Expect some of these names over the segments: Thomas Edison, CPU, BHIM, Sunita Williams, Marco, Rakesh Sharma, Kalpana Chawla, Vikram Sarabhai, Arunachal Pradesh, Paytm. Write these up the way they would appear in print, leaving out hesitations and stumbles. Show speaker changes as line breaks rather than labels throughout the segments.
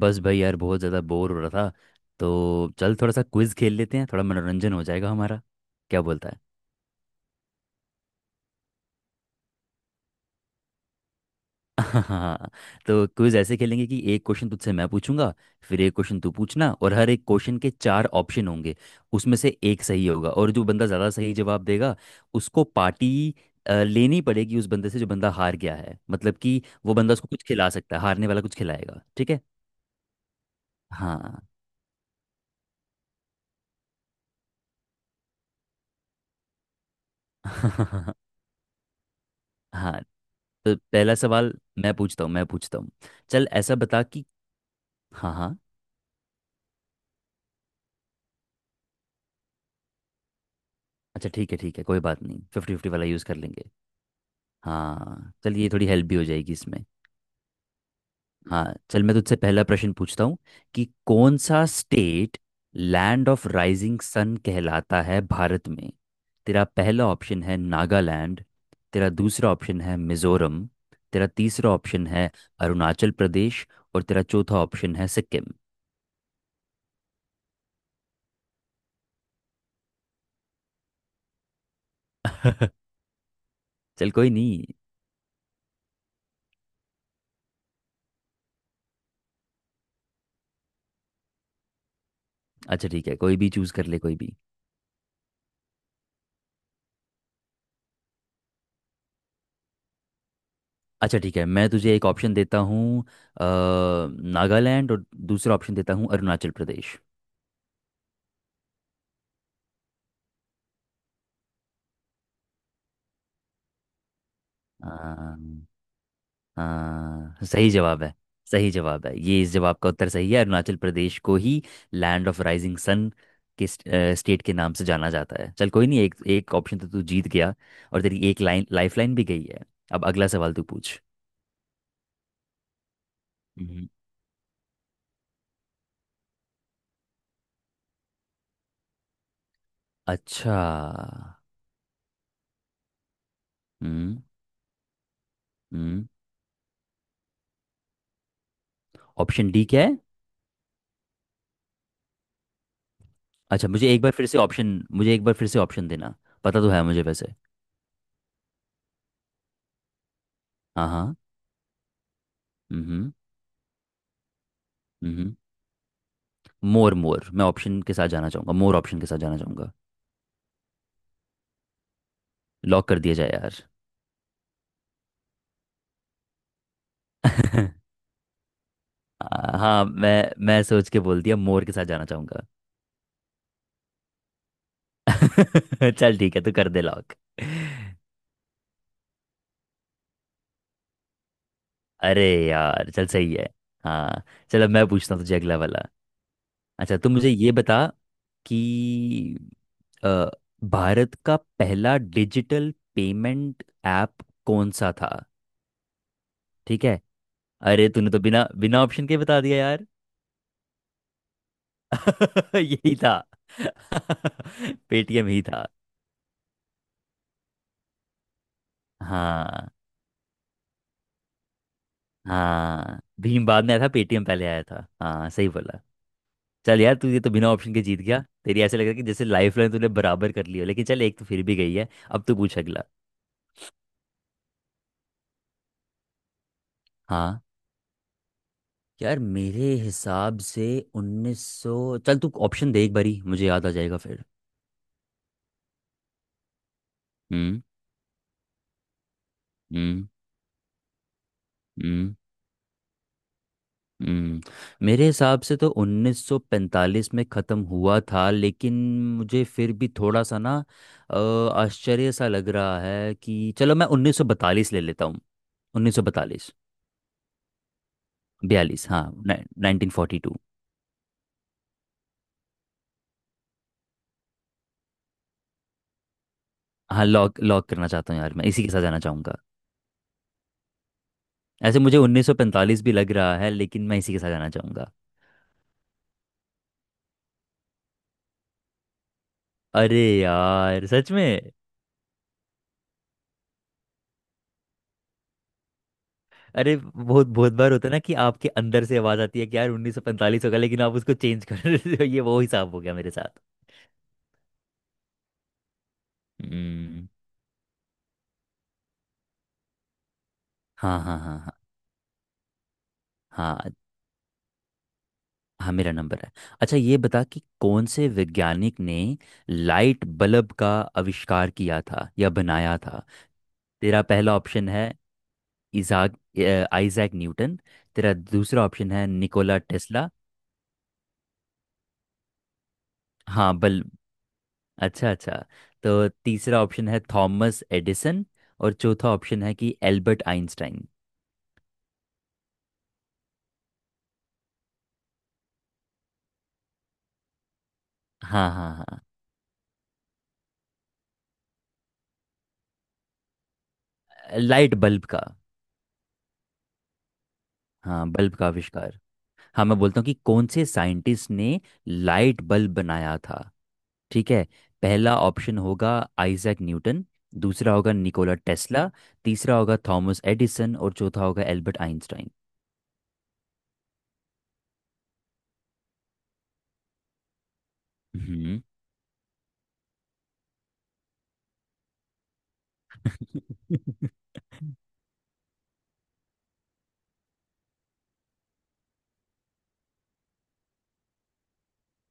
बस भाई यार बहुत ज़्यादा बोर हो रहा था। तो चल थोड़ा सा क्विज खेल लेते हैं, थोड़ा मनोरंजन हो जाएगा हमारा। क्या बोलता है? हाँ। तो क्विज ऐसे खेलेंगे कि एक क्वेश्चन तुझसे मैं पूछूंगा, फिर एक क्वेश्चन तू पूछना, और हर एक क्वेश्चन के चार ऑप्शन होंगे। उसमें से एक सही होगा और जो बंदा ज़्यादा सही जवाब देगा उसको पार्टी लेनी पड़ेगी उस बंदे से जो बंदा हार गया है। मतलब कि वो बंदा उसको कुछ खिला सकता है, हारने वाला कुछ खिलाएगा, ठीक है? हाँ। हाँ। तो पहला सवाल मैं पूछता हूँ, मैं पूछता हूँ। चल ऐसा बता कि हाँ हाँ, अच्छा ठीक है ठीक है, कोई बात नहीं, फिफ्टी फिफ्टी वाला यूज़ कर लेंगे। हाँ चल, ये थोड़ी हेल्प भी हो जाएगी इसमें। हाँ चल, मैं तुझसे पहला प्रश्न पूछता हूँ कि कौन सा state land of rising sun कहलाता है भारत में। तेरा पहला ऑप्शन है नागालैंड, तेरा दूसरा ऑप्शन है मिजोरम, तेरा तीसरा ऑप्शन है अरुणाचल प्रदेश, और तेरा चौथा ऑप्शन है सिक्किम। चल कोई नहीं। अच्छा ठीक है, कोई भी चूज कर ले कोई भी। अच्छा ठीक है, मैं तुझे एक ऑप्शन देता हूँ, नागालैंड, और दूसरा ऑप्शन देता हूँ अरुणाचल प्रदेश। हाँ। हाँ, सही जवाब है। सही जवाब है ये, इस जवाब का उत्तर सही है, अरुणाचल प्रदेश को ही लैंड ऑफ राइजिंग सन के स्टेट के नाम से जाना जाता है। चल कोई नहीं, एक एक ऑप्शन तो तू जीत गया, और तेरी एक लाइन लाइफ लाइन भी गई है। अब अगला सवाल तू पूछ। हम्म। अच्छा। हम्म। हम्म। ऑप्शन डी क्या है? अच्छा, मुझे एक बार फिर से ऑप्शन, मुझे एक बार फिर से ऑप्शन देना, पता तो है मुझे वैसे। हाँ हाँ। हम्म। हम्म। मोर, मोर, मैं ऑप्शन के साथ जाना चाहूँगा, मोर ऑप्शन के साथ जाना चाहूँगा। लॉक कर दिया जाए यार। हाँ, मैं सोच के बोल दिया, मोर के साथ जाना चाहूँगा। चल ठीक है, तू कर दे लॉक। अरे यार चल, सही है। हाँ चल, अब मैं पूछता हूँ तुझे अगला वाला। अच्छा, तुम मुझे ये बता कि अ, भारत का पहला डिजिटल पेमेंट ऐप कौन सा था? ठीक है। अरे तूने तो बिना बिना ऑप्शन के बता दिया यार। यही था। पेटीएम ही था। हाँ, हाँ भीम बाद में आया था, पेटीएम पहले आया था, हाँ सही बोला। चल यार, तू ये तो बिना ऑप्शन के जीत गया। तेरी ऐसे लग रहा है कि जैसे लाइफ लाइन तूने बराबर कर ली हो, लेकिन चल एक तो फिर भी गई है। अब तू पूछ अगला। हाँ। यार मेरे हिसाब से 1900। चल तू ऑप्शन दे एक बारी, मुझे याद आ जाएगा फिर। हम्म। हम्म। हम्म। मेरे हिसाब से तो 1945 में ख़त्म हुआ था लेकिन मुझे फिर भी थोड़ा सा ना, अ, आश्चर्य सा लग रहा है कि चलो मैं 1942 ले लेता हूँ। 1942, बयालीस। बयालीस, हाँ, नाइनटीन फोर्टी टू। हाँ लॉक, लॉक करना चाहता हूँ यार, मैं इसी के साथ जाना चाहूँगा। ऐसे मुझे 1945 भी लग रहा है लेकिन मैं इसी के साथ जाना चाहूँगा। अरे यार सच में। अरे बहुत बहुत बार होता है ना कि आपके अंदर से आवाज आती है कि यार उन्नीस सौ पैंतालीस होगा लेकिन आप उसको चेंज कर रहे हो। ये वो हिसाब हो गया मेरे साथ। हम्म। हाँ हाँ हाँ। हाँ हाँ। हाँ मेरा नंबर है। अच्छा ये बता कि कौन से वैज्ञानिक ने लाइट बल्ब का आविष्कार किया था या बनाया था? तेरा पहला ऑप्शन है आइजैक न्यूटन, तेरा दूसरा ऑप्शन है निकोला टेस्ला। हाँ बल अच्छा अच्छा। तो तीसरा ऑप्शन है थॉमस एडिसन, और चौथा ऑप्शन है कि एल्बर्ट आइंस्टाइन। हाँ हाँ हाँ। लाइट बल्ब का। हाँ बल्ब का आविष्कार। हाँ, मैं बोलता हूँ कि कौन से साइंटिस्ट ने लाइट बल्ब बनाया था, ठीक है? पहला ऑप्शन होगा आइजैक न्यूटन, दूसरा होगा निकोला टेस्ला, तीसरा होगा थॉमस एडिसन, और चौथा होगा एल्बर्ट आइंस्टाइन। हम्म।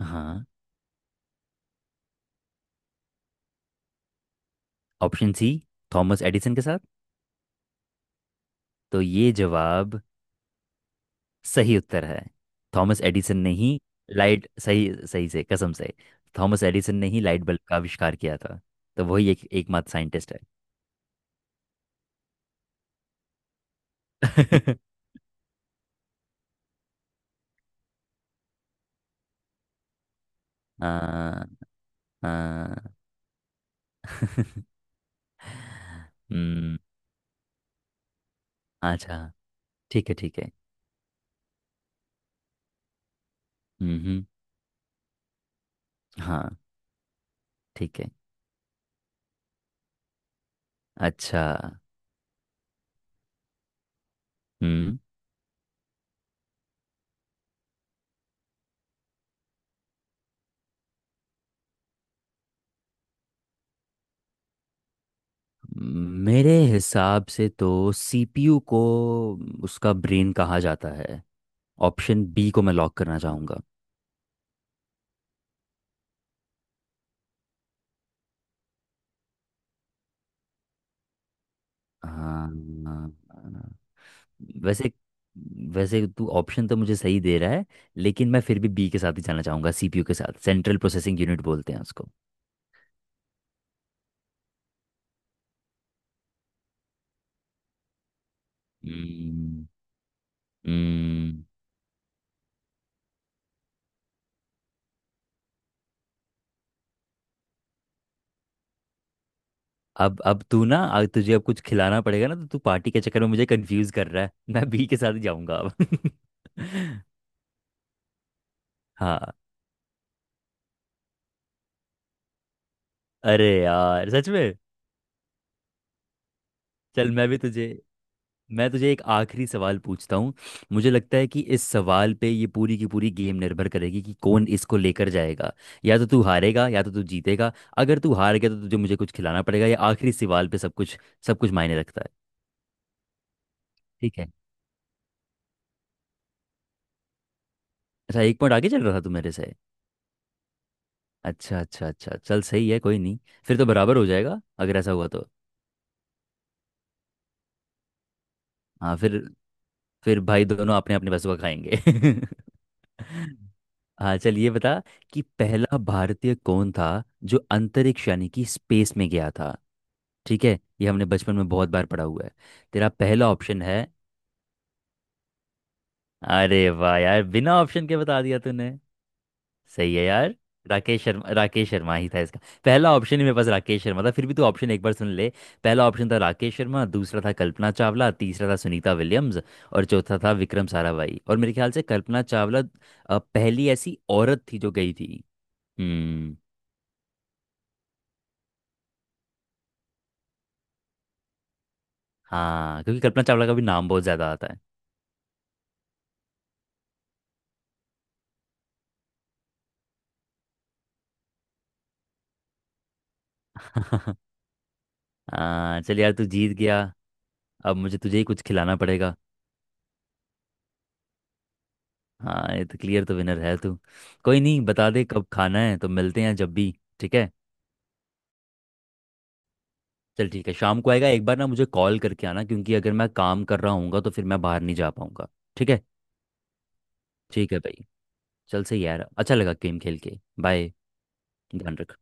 हाँ, ऑप्शन सी, थॉमस एडिसन के साथ। तो ये जवाब, सही उत्तर है, थॉमस एडिसन ने ही लाइट, सही सही से, कसम से, थॉमस एडिसन ने ही लाइट बल्ब का आविष्कार किया था। तो वही एक एकमात्र साइंटिस्ट है। आ, आ, हम्म। अच्छा। ठीक है ठीक है। हम्म। हम्म। हाँ ठीक है। अच्छा। हम्म। मेरे हिसाब से तो सीपीयू को उसका ब्रेन कहा जाता है, ऑप्शन बी को मैं लॉक करना चाहूँगा। हाँ। वैसे, वैसे तू ऑप्शन तो मुझे सही दे रहा है लेकिन मैं फिर भी बी के साथ ही जाना चाहूंगा, सीपीयू के साथ, सेंट्रल प्रोसेसिंग यूनिट बोलते हैं उसको। हम्म। हम्म। अब तू ना अब तुझे अब कुछ खिलाना पड़ेगा ना तो तू पार्टी के चक्कर में मुझे कंफ्यूज कर रहा है, मैं बी के साथ ही जाऊंगा अब। हाँ। अरे यार सच में। चल मैं भी तुझे, मैं तुझे एक आखिरी सवाल पूछता हूँ। मुझे लगता है कि इस सवाल पे ये पूरी की पूरी गेम निर्भर करेगी, कि कौन इसको लेकर जाएगा, या तो तू हारेगा या तो तू जीतेगा। अगर तू हार गया तो तुझे मुझे कुछ खिलाना पड़ेगा, ये आखिरी सवाल पे सब कुछ, सब कुछ मायने रखता है। ठीक है। अच्छा, एक पॉइंट आगे चल रहा था तू मेरे से। अच्छा अच्छा अच्छा, चल सही है कोई नहीं। फिर तो बराबर हो जाएगा अगर ऐसा हुआ तो। हाँ फिर भाई दोनों अपने अपने पैसों का खाएंगे। हाँ चल ये बता कि पहला भारतीय कौन था जो अंतरिक्ष यानी कि स्पेस में गया था? ठीक है, ये हमने बचपन में बहुत बार पढ़ा हुआ है। तेरा पहला ऑप्शन है, अरे वाह यार बिना ऑप्शन के बता दिया तूने। सही है यार, राकेश शर्मा, राकेश शर्मा ही था इसका। पहला ऑप्शन ही मेरे पास राकेश शर्मा था, फिर भी तू ऑप्शन एक बार सुन ले। पहला ऑप्शन था राकेश शर्मा, दूसरा था कल्पना चावला, तीसरा था सुनीता विलियम्स, और चौथा था विक्रम साराभाई। और मेरे ख्याल से कल्पना चावला पहली ऐसी औरत थी जो गई थी। हम्म। हाँ, क्योंकि कल्पना चावला का भी नाम बहुत ज़्यादा आता है। हाँ चल यार, तू जीत गया। अब मुझे तुझे ही कुछ खिलाना पड़ेगा। हाँ, ये तो क्लियर तो विनर है तू। कोई नहीं, बता दे कब खाना है तो मिलते हैं जब भी। ठीक है। चल ठीक है, शाम को आएगा एक बार ना मुझे कॉल करके आना, क्योंकि अगर मैं काम कर रहा हूँगा तो फिर मैं बाहर नहीं जा पाऊंगा। ठीक है। ठीक है भाई, चल सही यार, अच्छा लगा गेम खेल के, बाय। ध्यान रख।